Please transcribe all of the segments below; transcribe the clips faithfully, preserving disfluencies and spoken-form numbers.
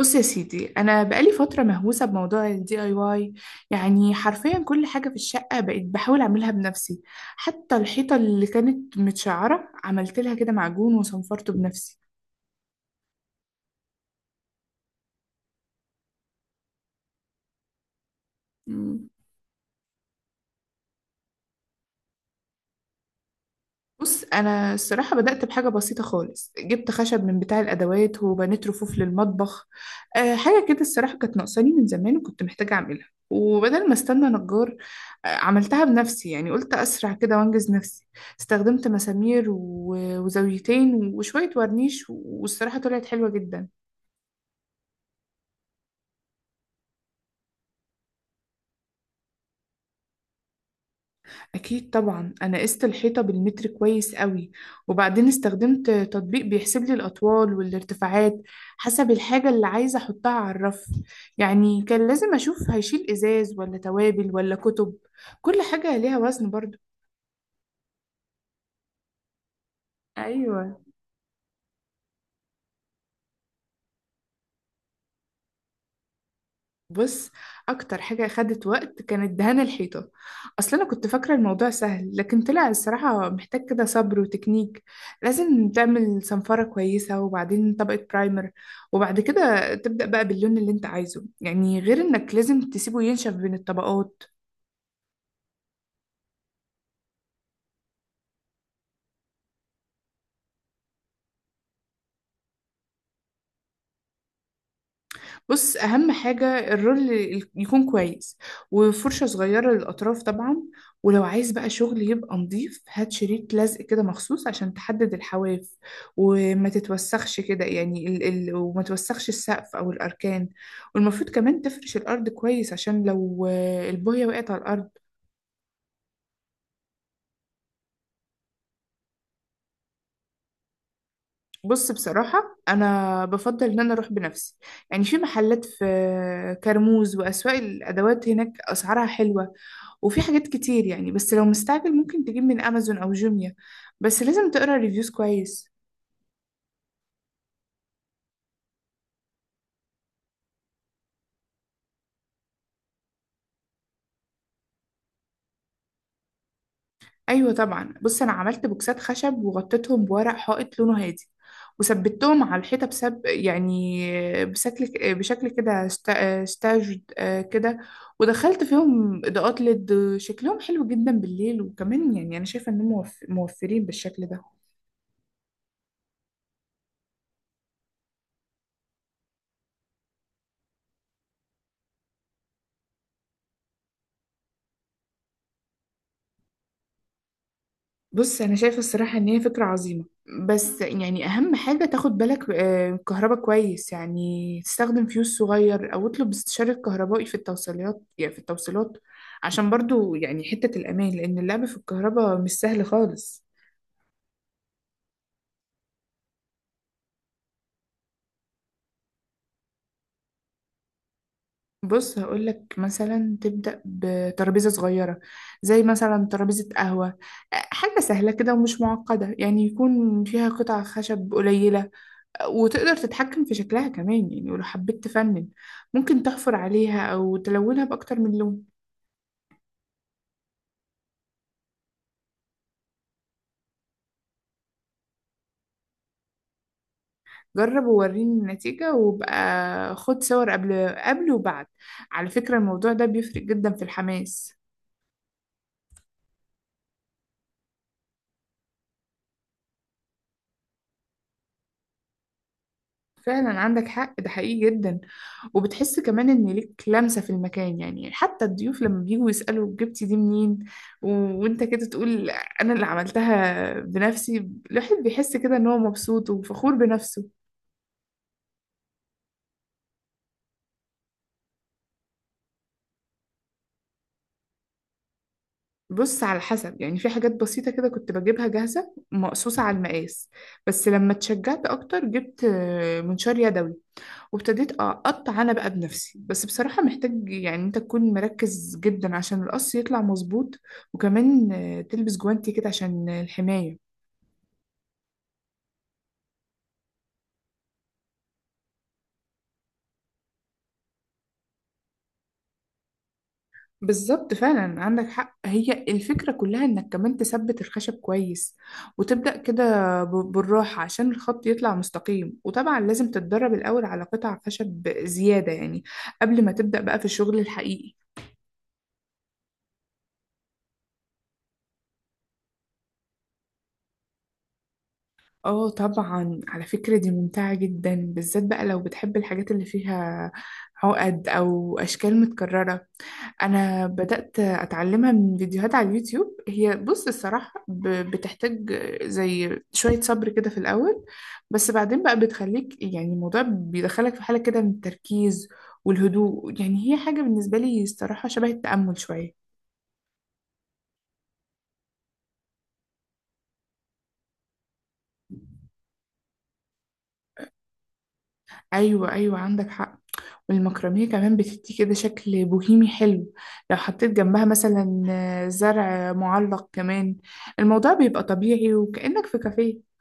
بص يا سيدي، انا بقالي فتره مهووسه بموضوع الدي اي واي. يعني حرفيا كل حاجه في الشقه بقيت بحاول اعملها بنفسي. حتى الحيطه اللي كانت متشعره عملت لها كده معجون وصنفرته بنفسي. بص انا الصراحه بدات بحاجه بسيطه خالص، جبت خشب من بتاع الادوات وبنيت رفوف للمطبخ. أه، حاجه كده الصراحه كانت ناقصاني من زمان وكنت محتاجه اعملها، وبدل ما استنى نجار أه عملتها بنفسي. يعني قلت اسرع كده وانجز نفسي. استخدمت مسامير و- وزاويتين وشويه ورنيش، والصراحه طلعت حلوه جدا. أكيد طبعا، أنا قست الحيطة بالمتر كويس قوي، وبعدين استخدمت تطبيق بيحسب لي الأطوال والارتفاعات حسب الحاجة اللي عايزة أحطها على الرف. يعني كان لازم أشوف هيشيل إزاز ولا توابل ولا كتب، كل حاجة ليها وزن برضو. أيوة، بص، اكتر حاجة خدت وقت كانت دهان الحيطة. اصل انا كنت فاكرة الموضوع سهل، لكن طلع الصراحة محتاج كده صبر وتكنيك. لازم تعمل صنفرة كويسة وبعدين طبقة برايمر، وبعد كده تبدأ بقى باللون اللي انت عايزه. يعني غير انك لازم تسيبه ينشف بين الطبقات. بص، اهم حاجه الرول ال- يكون كويس، وفرشه صغيره للاطراف طبعا. ولو عايز بقى شغل يبقى نظيف، هات شريط لزق كده مخصوص عشان تحدد الحواف وما تتوسخش كده. يعني ال ال وما توسخش السقف او الاركان. والمفروض كمان تفرش الارض كويس، عشان لو آه، البويه وقعت على الارض. بص، بصراحه انا بفضل ان انا اروح بنفسي. يعني في محلات في كرموز واسواق الادوات، هناك اسعارها حلوه وفي حاجات كتير يعني. بس لو مستعجل ممكن تجيب من امازون او جوميا، بس لازم تقرا ريفيوز كويس. ايوه طبعا، بص، انا عملت بوكسات خشب وغطيتهم بورق حائط لونه هادي، وثبتهم على الحيطه بسب يعني بشكل بشكل كده ستا- ستاجد آه، كده. ودخلت فيهم اضاءات ليد، شكلهم حلو جدا بالليل، وكمان يعني انا شايفه انهم موف- موفرين بالشكل ده. بص انا شايفه الصراحه ان هي فكره عظيمه، بس يعني اهم حاجه تاخد بالك آه، كهربا كويس. يعني تستخدم فيوز صغير او اطلب استشاره كهربائي في التوصيلات يعني في التوصيلات عشان برضو يعني حته الامان، لان اللعب في الكهرباء مش سهل خالص. بص هقولك مثلا تبدا بترابيزه صغيره، زي مثلا ترابيزه قهوه، آه، حاجه سهله كده ومش معقده. يعني يكون فيها قطع خشب قليله، وتقدر تتحكم في شكلها كمان. يعني ولو حبيت تفنن، ممكن تحفر عليها أو تلونها بأكتر من لون. جرب ووريني النتيجة، وبقى خد صور قبل قبل وبعد. على فكرة، الموضوع ده بيفرق جدا في الحماس. فعلا عندك حق، ده حقيقي جدا. وبتحس كمان ان ليك لمسة في المكان. يعني حتى الضيوف لما بيجوا يسألوا جبتي دي منين، و... وانت كده تقول انا اللي عملتها بنفسي. الواحد بيحس كده ان هو مبسوط وفخور بنفسه. بص على حسب، يعني في حاجات بسيطة كده كنت بجيبها جاهزة مقصوصة على المقاس. بس لما اتشجعت أكتر جبت آه، منشار يدوي، وابتديت أقطع أنا بقى بنفسي. بس بصراحة محتاج يعني أنت تكون مركز جدا عشان القص يطلع مظبوط. وكمان آه، تلبس جوانتي كده عشان الحماية. بالظبط، فعلا عندك حق. هي الفكرة كلها انك كمان تثبت الخشب كويس، وتبدأ كده ب- بالراحة عشان الخط يطلع مستقيم. وطبعا لازم تتدرب الأول على قطع خشب زيادة يعني، قبل ما تبدأ بقى في الشغل الحقيقي. اه طبعا، على فكرة دي ممتعة جدا، بالذات بقى لو بتحب الحاجات اللي فيها عقد أو أشكال متكررة. انا بدأت اتعلمها من فيديوهات على اليوتيوب. هي بص الصراحة ب- بتحتاج زي شوية صبر كده في الاول، بس بعدين بقى بتخليك يعني الموضوع بيدخلك في حالة كده من التركيز والهدوء. يعني هي حاجة بالنسبة لي الصراحة شبه التأمل شوية. ايوه ايوه، عندك حق. والمكرمية كمان بتدي كده شكل بوهيمي حلو. لو حطيت جنبها مثلا زرع معلق كمان، الموضوع بيبقى طبيعي وكأنك في كافيه.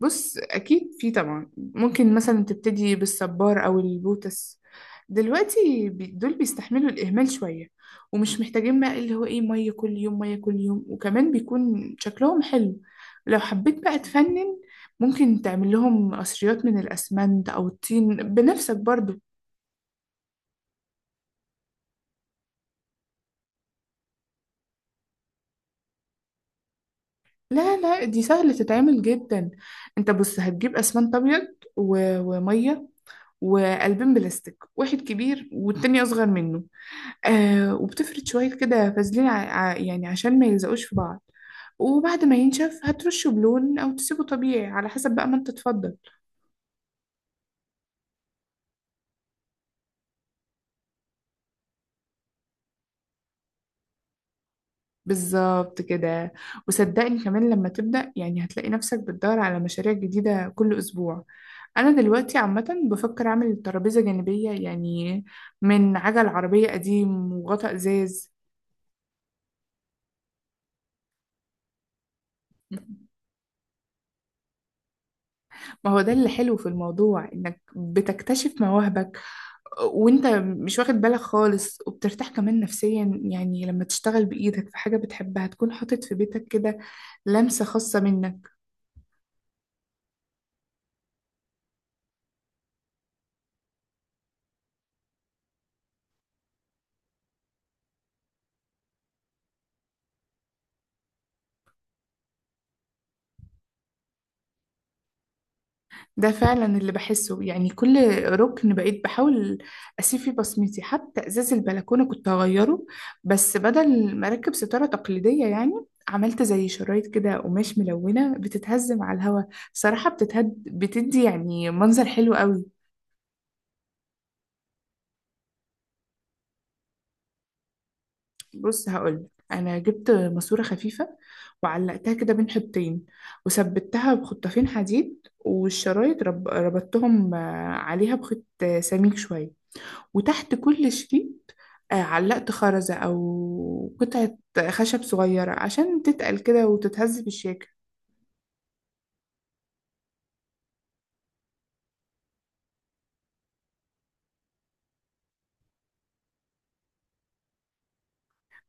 بص اكيد في طبعا، ممكن مثلا تبتدي بالصبار او البوتس. دلوقتي بي- دول بيستحملوا الاهمال شويه، ومش محتاجين بقى اللي هو ايه ميه كل يوم ميه كل يوم، وكمان بيكون شكلهم حلو. لو حبيت بقى تفنن، ممكن تعمل لهم قصريات من الاسمنت او الطين بنفسك برضو. لا لا، دي سهله تتعمل جدا. انت بص هتجيب اسمنت ابيض و- وميه وقلبين بلاستيك، واحد كبير والتاني اصغر منه. آه، وبتفرد شوية كده فازلين ع... ع... يعني عشان ما يلزقوش في بعض. وبعد ما ينشف هترشه بلون أو تسيبه طبيعي على حسب بقى ما أنت تفضل. بالظبط كده. وصدقني كمان لما تبدأ يعني هتلاقي نفسك بتدور على مشاريع جديدة كل أسبوع. أنا دلوقتي عامة بفكر أعمل ترابيزة جانبية يعني من عجل عربية قديم وغطاء إزاز. ما هو ده اللي حلو في الموضوع، إنك بتكتشف مواهبك وانت مش واخد بالك خالص، وبترتاح كمان نفسيا يعني لما تشتغل بإيدك في حاجة بتحبها تكون حاطط في بيتك كده لمسة خاصة منك. ده فعلا اللي بحسه. يعني كل ركن بقيت بحاول أسيب فيه بصمتي. حتى إزاز البلكونة كنت هغيره، بس بدل ما أركب ستارة تقليدية يعني عملت زي شرايط كده قماش ملونة بتتهز مع الهوا. صراحة بتتهد بتدي يعني منظر حلو قوي. بص هقول، انا جبت ماسوره خفيفه وعلقتها كده بين حبتين وثبتها بخطافين حديد. والشرايط رب... ربطتهم آه، عليها بخيط آه، سميك شويه. وتحت كل شريط آه، علقت خرزه او قطعه خشب صغيره عشان تتقل كده وتتهز في الشاكل.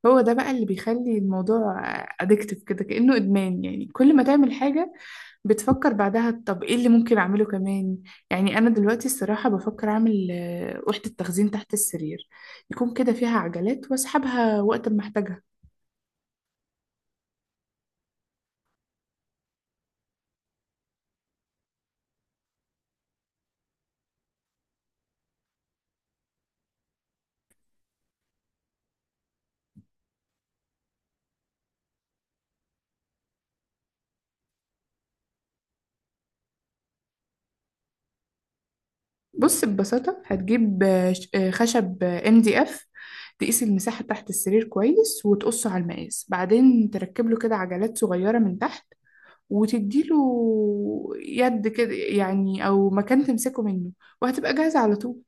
هو ده بقى اللي بيخلي الموضوع ادكتف كده كأنه ادمان. يعني كل ما تعمل حاجه بتفكر بعدها طب ايه اللي ممكن اعمله كمان. يعني انا دلوقتي الصراحة بفكر اعمل آه، وحدة تخزين تحت السرير، يكون كده فيها عجلات واسحبها وقت ما احتاجها. بص ببساطة هتجيب آه، ش- آه، خشب ام دي اف. تقيس المساحة تحت السرير كويس وتقصه على المقاس، بعدين تركب له كده عجلات صغيرة من تحت، وتديله يد كده يعني او مكان تمسكه منه، وهتبقى جاهزة على طول.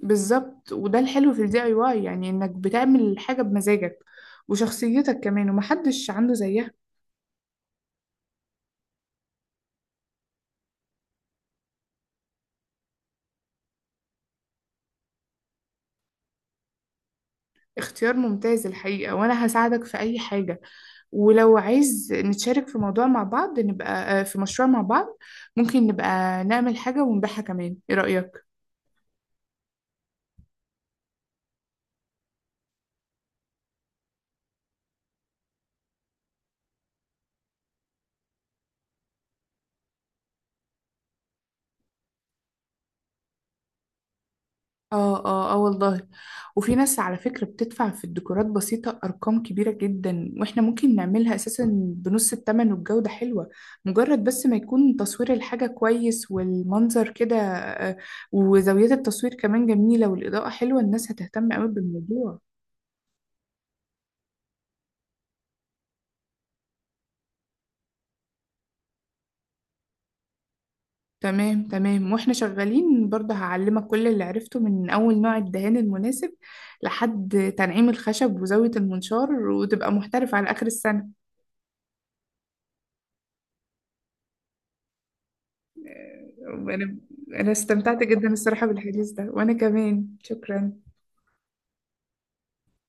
بالظبط، وده الحلو في الدي اي واي، يعني انك بتعمل حاجة بمزاجك وشخصيتك كمان، ومحدش عنده زيها. اختيار ممتاز الحقيقة، وانا هساعدك في اي حاجة. ولو عايز نتشارك في موضوع مع بعض، نبقى آه، في مشروع مع بعض. ممكن نبقى نعمل حاجة ونبيعها كمان، ايه رأيك؟ اه اه اه، والله. وفي ناس على فكرة بتدفع في الديكورات بسيطة أرقام كبيرة جدا، واحنا ممكن نعملها أساسا بنص التمن والجودة حلوة. مجرد بس ما يكون تصوير الحاجة كويس والمنظر كده آه، وزاويات التصوير كمان جميلة والإضاءة حلوة، الناس هتهتم قوي بالموضوع. تمام تمام، واحنا شغالين برضه هعلمك كل اللي عرفته من أول نوع الدهان المناسب لحد تنعيم الخشب وزاوية المنشار، وتبقى محترف على آخر السنة. وانا انا استمتعت جدا الصراحة بالحديث ده، وانا كمان شكرا.